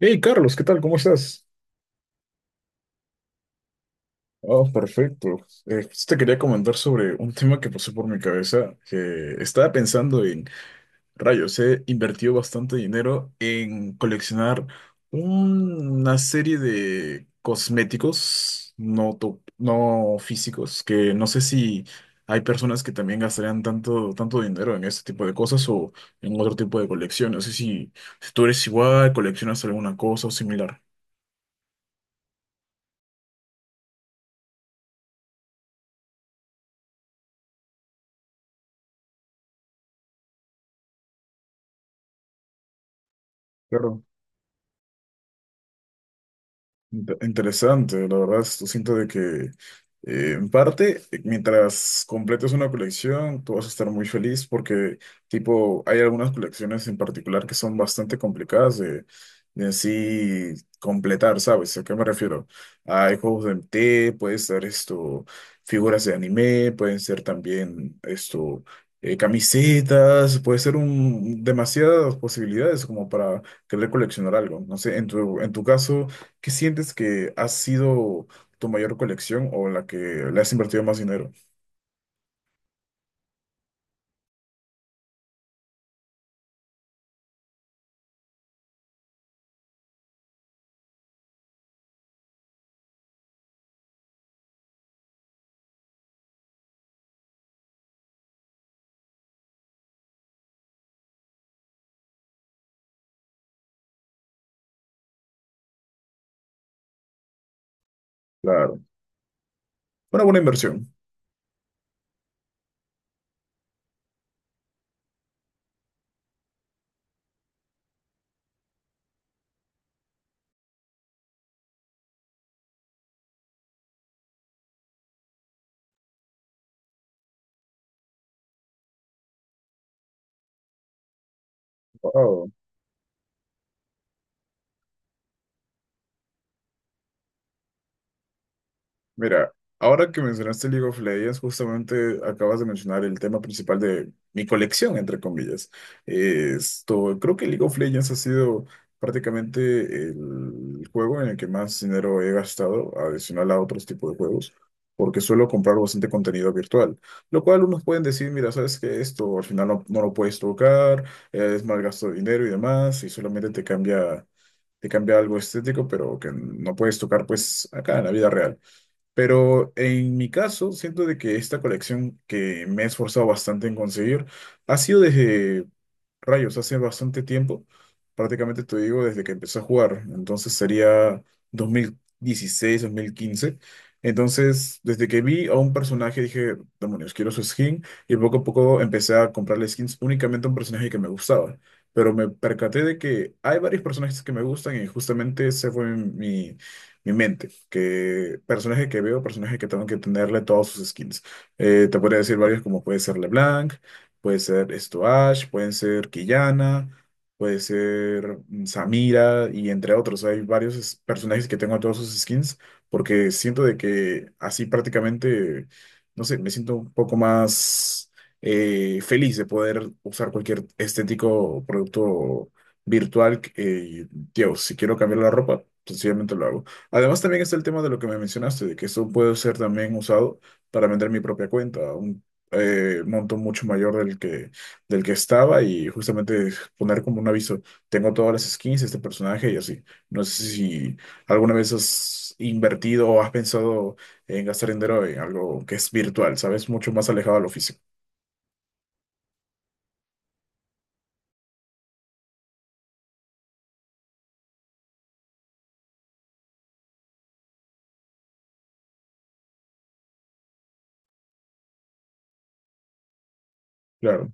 Hey Carlos, ¿qué tal? ¿Cómo estás? Oh, perfecto. Pues te quería comentar sobre un tema que pasó por mi cabeza, que estaba pensando en, rayos, he invertido bastante dinero en coleccionar una serie de cosméticos no, no físicos, que no sé si hay personas que también gastarían tanto, tanto dinero en este tipo de cosas o en otro tipo de colección. No sé si, si tú eres igual, coleccionas alguna cosa o similar. Claro. Interesante, la verdad, esto siento de que en parte, mientras completes una colección, tú vas a estar muy feliz porque, tipo, hay algunas colecciones en particular que son bastante complicadas de en sí completar, ¿sabes? ¿A qué me refiero? Hay juegos de MT, puede ser esto, figuras de anime, pueden ser también esto, camisetas, puede ser un, demasiadas posibilidades como para querer coleccionar algo. No sé, en tu caso. ¿Qué sientes que ha sido tu mayor colección o la que le has invertido más dinero? Claro, una buena inversión. Wao. Mira, ahora que mencionaste League of Legends, justamente acabas de mencionar el tema principal de mi colección, entre comillas. Esto, creo que League of Legends ha sido prácticamente el juego en el que más dinero he gastado, adicional a otros tipos de juegos, porque suelo comprar bastante contenido virtual, lo cual unos pueden decir, mira, sabes que esto al final no, no lo puedes tocar, es mal gasto de dinero y demás, y solamente te cambia algo estético, pero que no puedes tocar pues acá en la vida real. Pero en mi caso, siento de que esta colección que me he esforzado bastante en conseguir ha sido desde rayos, hace bastante tiempo, prácticamente te digo desde que empecé a jugar, entonces sería 2016 2015. Entonces, desde que vi a un personaje dije, demonios, quiero su skin, y poco a poco empecé a comprarle skins únicamente a un personaje que me gustaba. Pero me percaté de que hay varios personajes que me gustan y justamente ese fue mi, mi mente, que personaje que veo, personaje que tengo que tenerle todas sus skins. Te podría decir varios como puede ser LeBlanc. Puede ser esto Ash, pueden ser Quillana, puede ser Samira y entre otros. Hay varios personajes que tengo en todos sus skins porque siento de que así prácticamente, no sé, me siento un poco más feliz de poder usar cualquier estético o producto virtual. Tío, si quiero cambiar la ropa, sencillamente lo hago. Además también está el tema de lo que me mencionaste, de que esto puede ser también usado para vender mi propia cuenta monto mucho mayor del que estaba y justamente poner como un aviso, tengo todas las skins de este personaje y así. No sé si alguna vez has invertido o has pensado en gastar dinero en algo que es virtual, ¿sabes? Mucho más alejado de lo físico. Claro.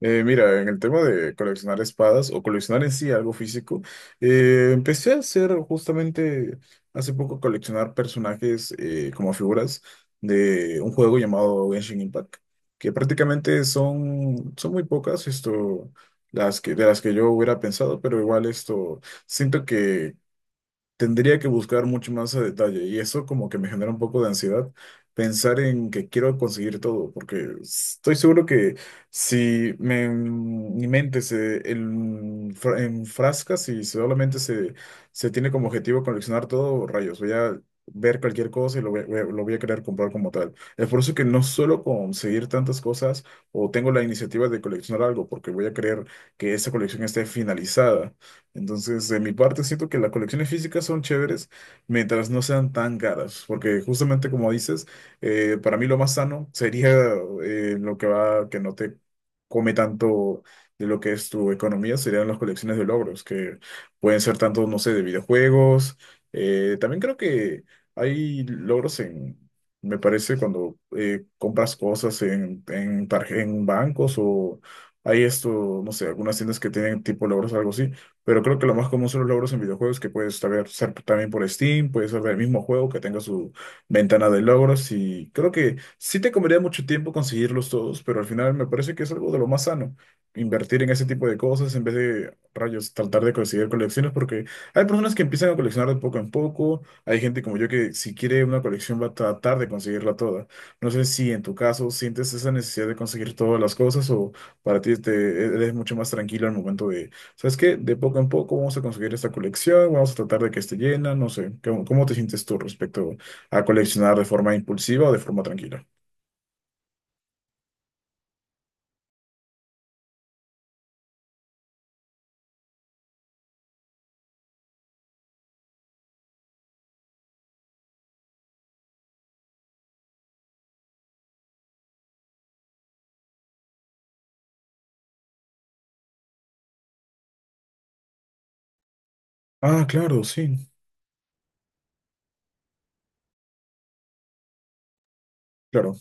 Mira, en el tema de coleccionar espadas o coleccionar en sí algo físico, empecé a hacer justamente hace poco coleccionar personajes como figuras de un juego llamado Genshin Impact, que prácticamente son, son muy pocas esto, las que, de las que yo hubiera pensado, pero igual esto siento. Tendría que buscar mucho más a detalle y eso como que me genera un poco de ansiedad pensar en que quiero conseguir todo, porque estoy seguro que si me, mi mente enfrasca, si solamente se, se tiene como objetivo coleccionar todo, rayos, voy a ver cualquier cosa y lo voy a querer comprar como tal. Es por eso que no suelo conseguir tantas cosas o tengo la iniciativa de coleccionar algo, porque voy a querer que esa colección esté finalizada. Entonces, de mi parte, siento que las colecciones físicas son chéveres mientras no sean tan caras, porque justamente como dices, para mí lo más sano sería lo que va, que no te come tanto de lo que es tu economía, serían las colecciones de logros, que pueden ser tanto, no sé, de videojuegos. También creo que hay logros en, me parece, cuando compras cosas en, en bancos o hay esto, no sé, algunas tiendas que tienen tipo logros, algo así, pero creo que lo más común son los logros en videojuegos que puedes saber ser también por Steam, puedes ser el mismo juego que tenga su ventana de logros y creo que sí te comería mucho tiempo conseguirlos todos, pero al final me parece que es algo de lo más sano, invertir en ese tipo de cosas en vez de rayos tratar de conseguir colecciones porque hay personas que empiezan a coleccionar de poco en poco, hay gente como yo que si quiere una colección va a tratar de conseguirla toda. No sé si en tu caso sientes esa necesidad de conseguir todas las cosas o para ti te eres mucho más tranquilo al momento de ¿sabes qué? De poco en poco vamos a conseguir esta colección, vamos a tratar de que esté llena, no sé, ¿cómo, cómo te sientes tú respecto a coleccionar de forma impulsiva o de forma tranquila? Ah, claro, sí, claro.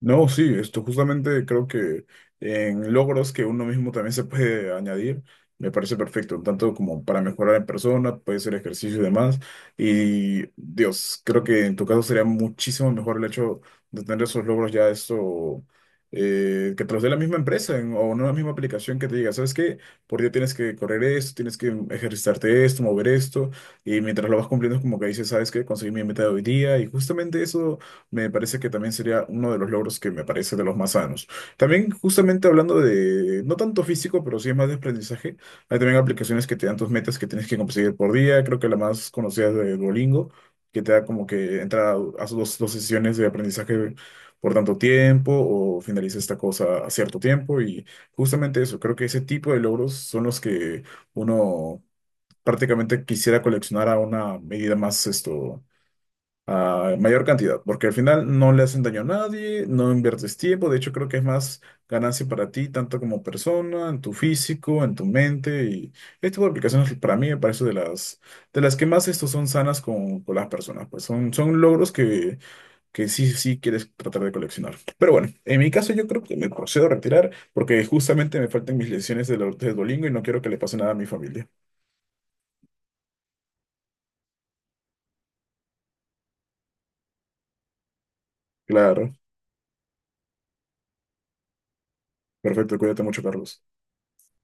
No, sí, esto justamente creo que en logros que uno mismo también se puede añadir, me parece perfecto, tanto como para mejorar en persona, puede ser ejercicio y demás. Y Dios, creo que en tu caso sería muchísimo mejor el hecho de tener esos logros ya esto, que te los dé la misma empresa o no la misma aplicación que te diga, ¿sabes qué? Por día tienes que correr esto, tienes que ejercitarte esto, mover esto, y mientras lo vas cumpliendo es como que dices, ¿sabes qué? Conseguí mi meta de hoy día, y justamente eso me parece que también sería uno de los logros que me parece de los más sanos. También, justamente hablando de, no tanto físico, pero sí es más de aprendizaje, hay también aplicaciones que te dan tus metas que tienes que conseguir por día. Creo que la más conocida es de Duolingo, que te da como que entra a 2 sesiones de aprendizaje por tanto tiempo o finaliza esta cosa a cierto tiempo. Y justamente eso, creo que ese tipo de logros son los que uno prácticamente quisiera coleccionar a una medida más esto, a mayor cantidad, porque al final no le hacen daño a nadie, no inviertes tiempo, de hecho creo que es más ganancia para ti, tanto como persona, en tu físico, en tu mente, y este tipo de aplicaciones para mí me parece de las que más estos son sanas con las personas, pues son, son logros que sí, sí quieres tratar de coleccionar. Pero bueno, en mi caso yo creo que me procedo a retirar porque justamente me faltan mis lecciones de, de Duolingo y no quiero que le pase nada a mi familia. Claro, perfecto, cuídate mucho, Carlos.